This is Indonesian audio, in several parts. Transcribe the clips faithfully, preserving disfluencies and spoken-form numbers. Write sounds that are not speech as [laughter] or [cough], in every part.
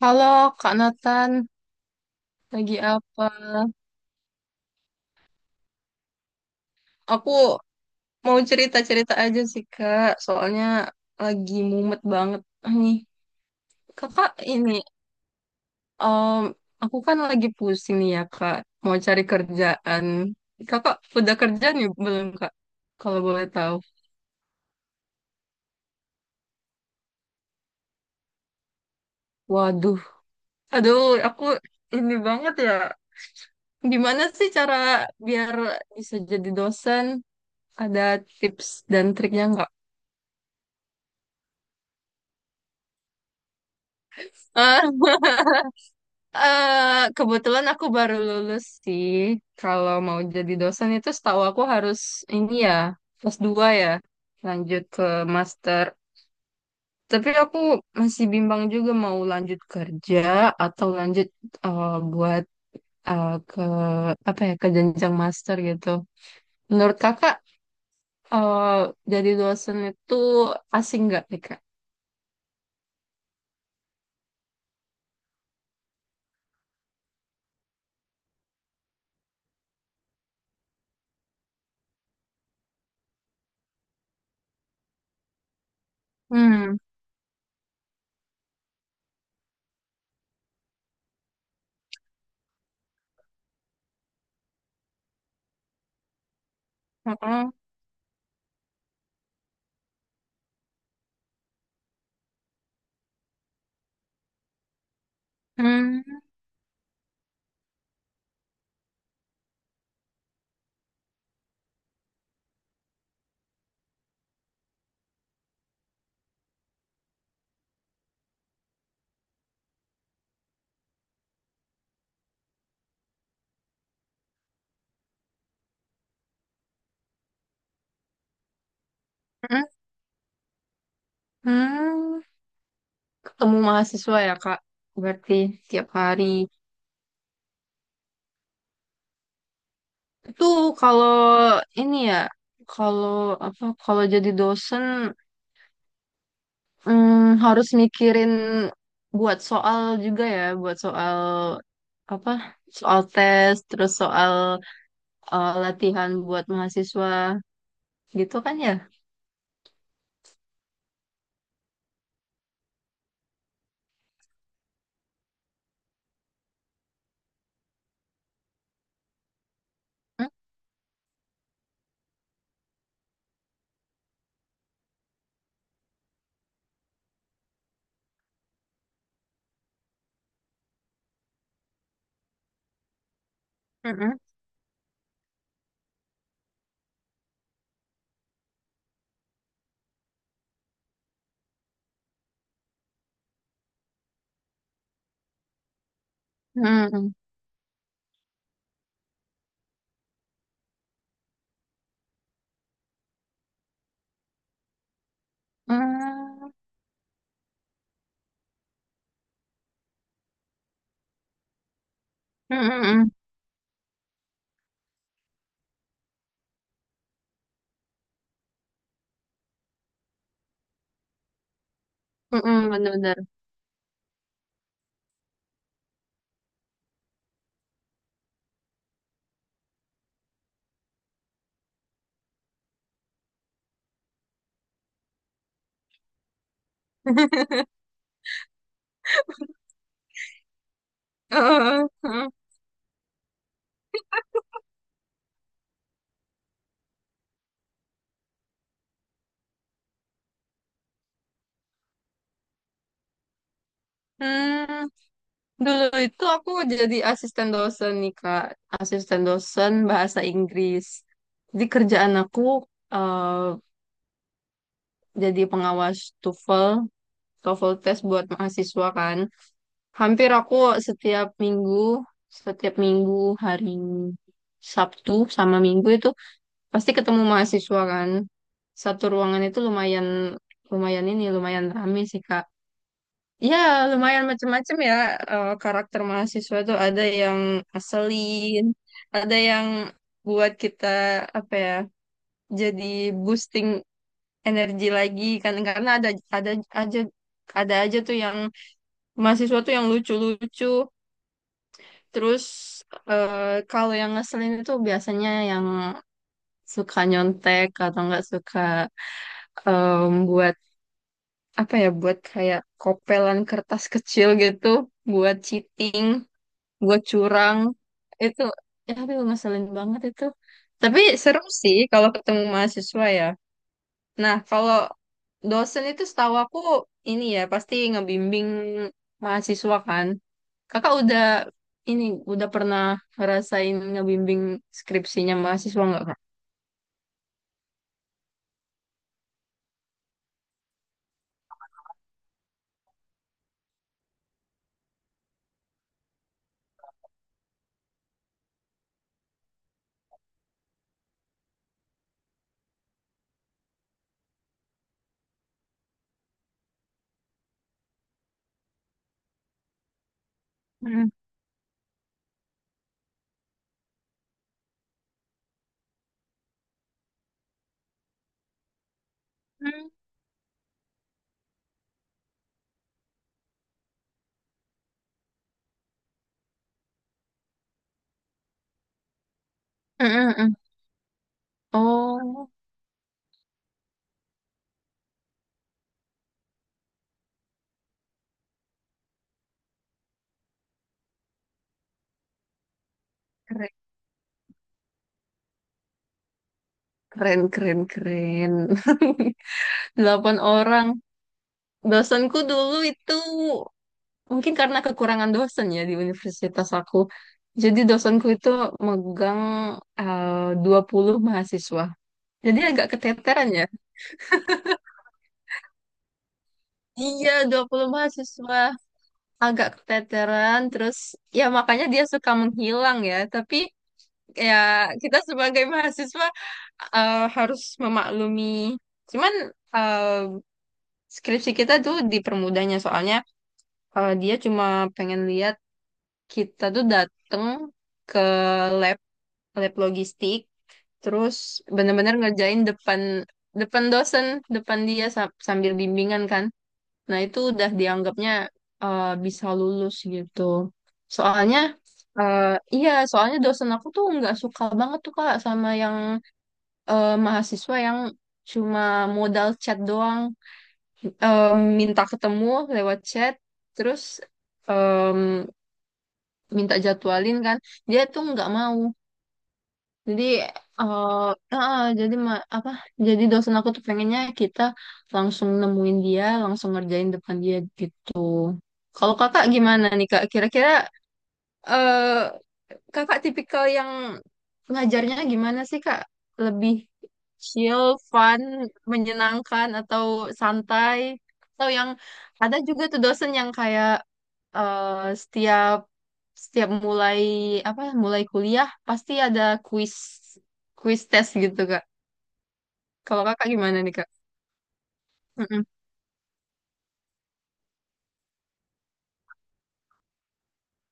Halo Kak Nathan, lagi apa? Aku mau cerita-cerita aja sih Kak, soalnya lagi mumet banget nih. Kakak ini, em, aku kan lagi pusing nih ya Kak, mau cari kerjaan. Kakak udah kerja nih belum Kak? Kalau boleh tahu. Waduh, aduh aku ini banget ya. Gimana sih cara biar bisa jadi dosen? Ada tips dan triknya nggak? [laughs] eh kebetulan aku baru lulus sih. Kalau mau jadi dosen itu setahu aku harus ini ya, S dua ya, lanjut ke master. Tapi aku masih bimbang juga mau lanjut kerja atau lanjut eh, buat eh, ke apa ya, ke jenjang master gitu. Menurut kakak, eh, jadi dosen itu asing nggak nih kak? Hmm. Heeh. Hmm. Hmm. Hmm. Ketemu mahasiswa ya, Kak. Berarti tiap hari. Itu kalau ini ya, kalau apa kalau jadi dosen mm, harus mikirin buat soal juga ya, buat soal apa? Soal tes, terus soal eh, latihan buat mahasiswa gitu kan ya? Hmm, mm-mm, mm-mm, mm, mm-mm, mm-mm, bener-bener. [laughs] Hmm. Dulu itu aku jadi asisten dosen nih Kak, asisten dosen bahasa Inggris. Jadi kerjaan aku eh, jadi pengawas TOEFL, TOEFL test buat mahasiswa kan. Hampir aku setiap minggu, setiap minggu hari Sabtu sama Minggu itu pasti ketemu mahasiswa kan. Satu ruangan itu lumayan lumayan ini lumayan ramai sih Kak. Ya, lumayan macam-macam ya eh, karakter mahasiswa tuh ada yang ngeselin, ada yang buat kita apa ya, jadi boosting energi lagi kan karena ada ada aja ada aja tuh yang mahasiswa tuh yang lucu-lucu. Terus eh, kalau yang ngeselin itu biasanya yang suka nyontek atau nggak suka em, buat apa ya, buat kayak kopelan kertas kecil gitu buat cheating. Buat curang itu, ya aduh ngeselin banget itu. Tapi seru sih kalau ketemu mahasiswa ya. Nah kalau dosen itu setahu aku ini ya, pasti ngebimbing mahasiswa kan. Kakak udah ini udah pernah ngerasain ngebimbing skripsinya mahasiswa nggak kak? Mm. Mm. Mm, mm, mm. Oh, keren, keren, keren, keren. [laughs] Delapan orang. Dosenku dulu itu mungkin karena kekurangan dosen ya di universitas aku. Jadi dosenku itu megang eh, dua puluh mahasiswa. Jadi agak keteteran ya. Iya, dua puluh mahasiswa. Agak keteteran. Terus ya makanya dia suka menghilang ya. Tapi ya kita sebagai mahasiswa eh, harus memaklumi. Cuman eh, skripsi kita tuh dipermudahnya soalnya, eh, dia cuma pengen lihat kita tuh datang ke lab lab logistik terus bener-bener ngerjain depan depan dosen depan dia sa- sambil bimbingan kan. Nah itu udah dianggapnya eh, bisa lulus gitu. Soalnya eh, iya, soalnya dosen aku tuh nggak suka banget tuh kak sama yang eh, mahasiswa yang cuma modal chat doang. Eh, minta ketemu lewat chat terus em, minta jadwalin kan dia tuh nggak mau. Jadi eh eh, jadi ma- apa? Jadi dosen aku tuh pengennya kita langsung nemuin dia, langsung ngerjain depan dia gitu. Kalau kakak gimana nih kak? Kira-kira eh, Kakak tipikal yang ngajarnya gimana sih, Kak? Lebih chill, fun, menyenangkan, atau santai? Atau yang ada juga tuh dosen yang kayak eh, setiap setiap mulai apa mulai kuliah pasti ada kuis kuis tes gitu, Kak. Kalau kakak gimana nih, Kak? Mm-mm.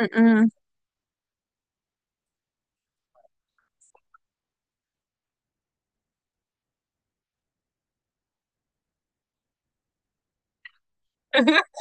Mm-mm. [laughs]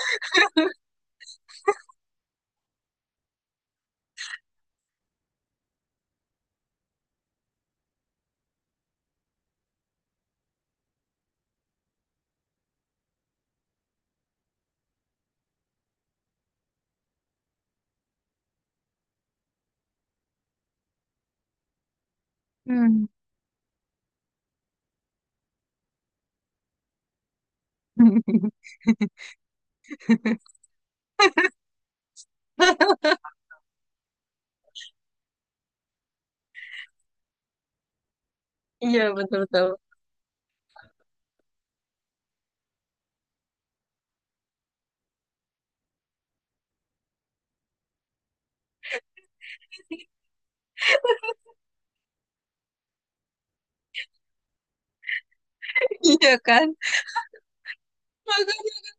Hmm. [laughs] Iya, betul-betul. Iya kan? [laughs] Makanya.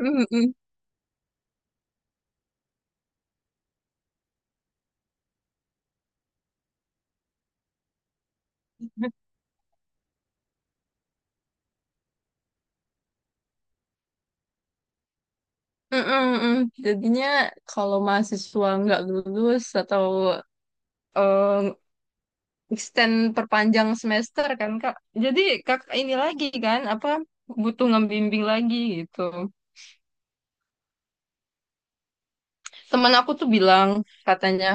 Mm-mm. Mm-mm, mm. Jadinya kalau mahasiswa nggak lulus atau eh, extend perpanjang semester kan Kak. Jadi Kak ini lagi kan apa butuh ngebimbing lagi gitu. Temen aku tuh bilang katanya,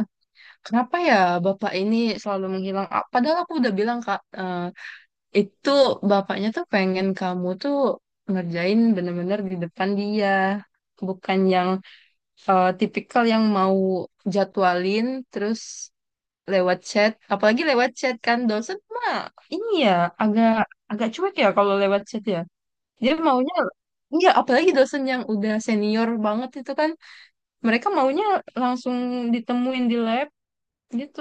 "Kenapa ya Bapak ini selalu menghilang?" Ah, padahal aku udah bilang Kak, eh, itu bapaknya tuh pengen kamu tuh ngerjain bener-bener di depan dia. Bukan yang eh, tipikal yang mau jadwalin terus lewat chat, apalagi lewat chat kan dosen mah ini ya agak agak cuek ya kalau lewat chat ya. Dia maunya. Iya, apalagi dosen yang udah senior banget itu kan, mereka maunya langsung ditemuin di lab gitu.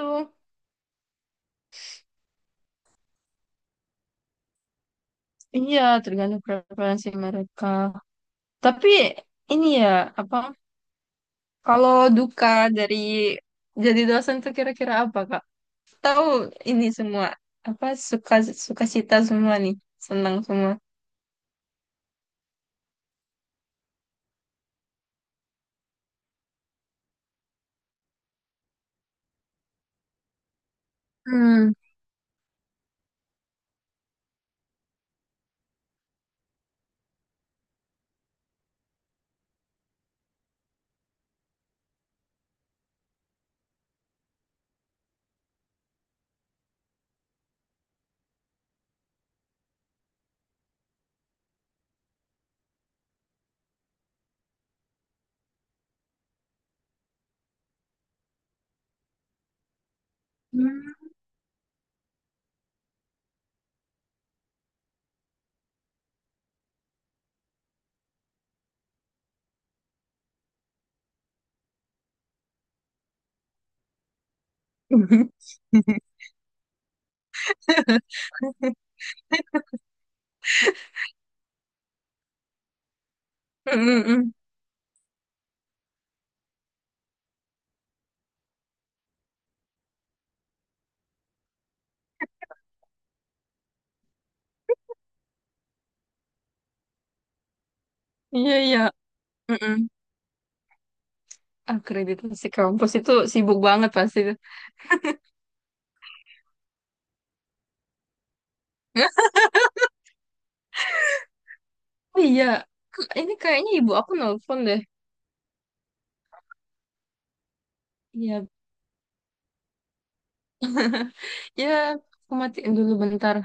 Iya, tergantung preferensi mereka. Tapi ini ya, apa kalau duka dari jadi dosen tuh kira-kira apa, Kak? Tahu ini semua apa suka suka cita semua nih, senang semua. Hmm. Hmm. [laughs] Mm, mm. Iya, iya. Mm-mm. Akreditasi kampus itu sibuk banget pasti itu. Oh iya, K- ini kayaknya ibu aku nelpon deh. Iya, ya aku matiin dulu bentar.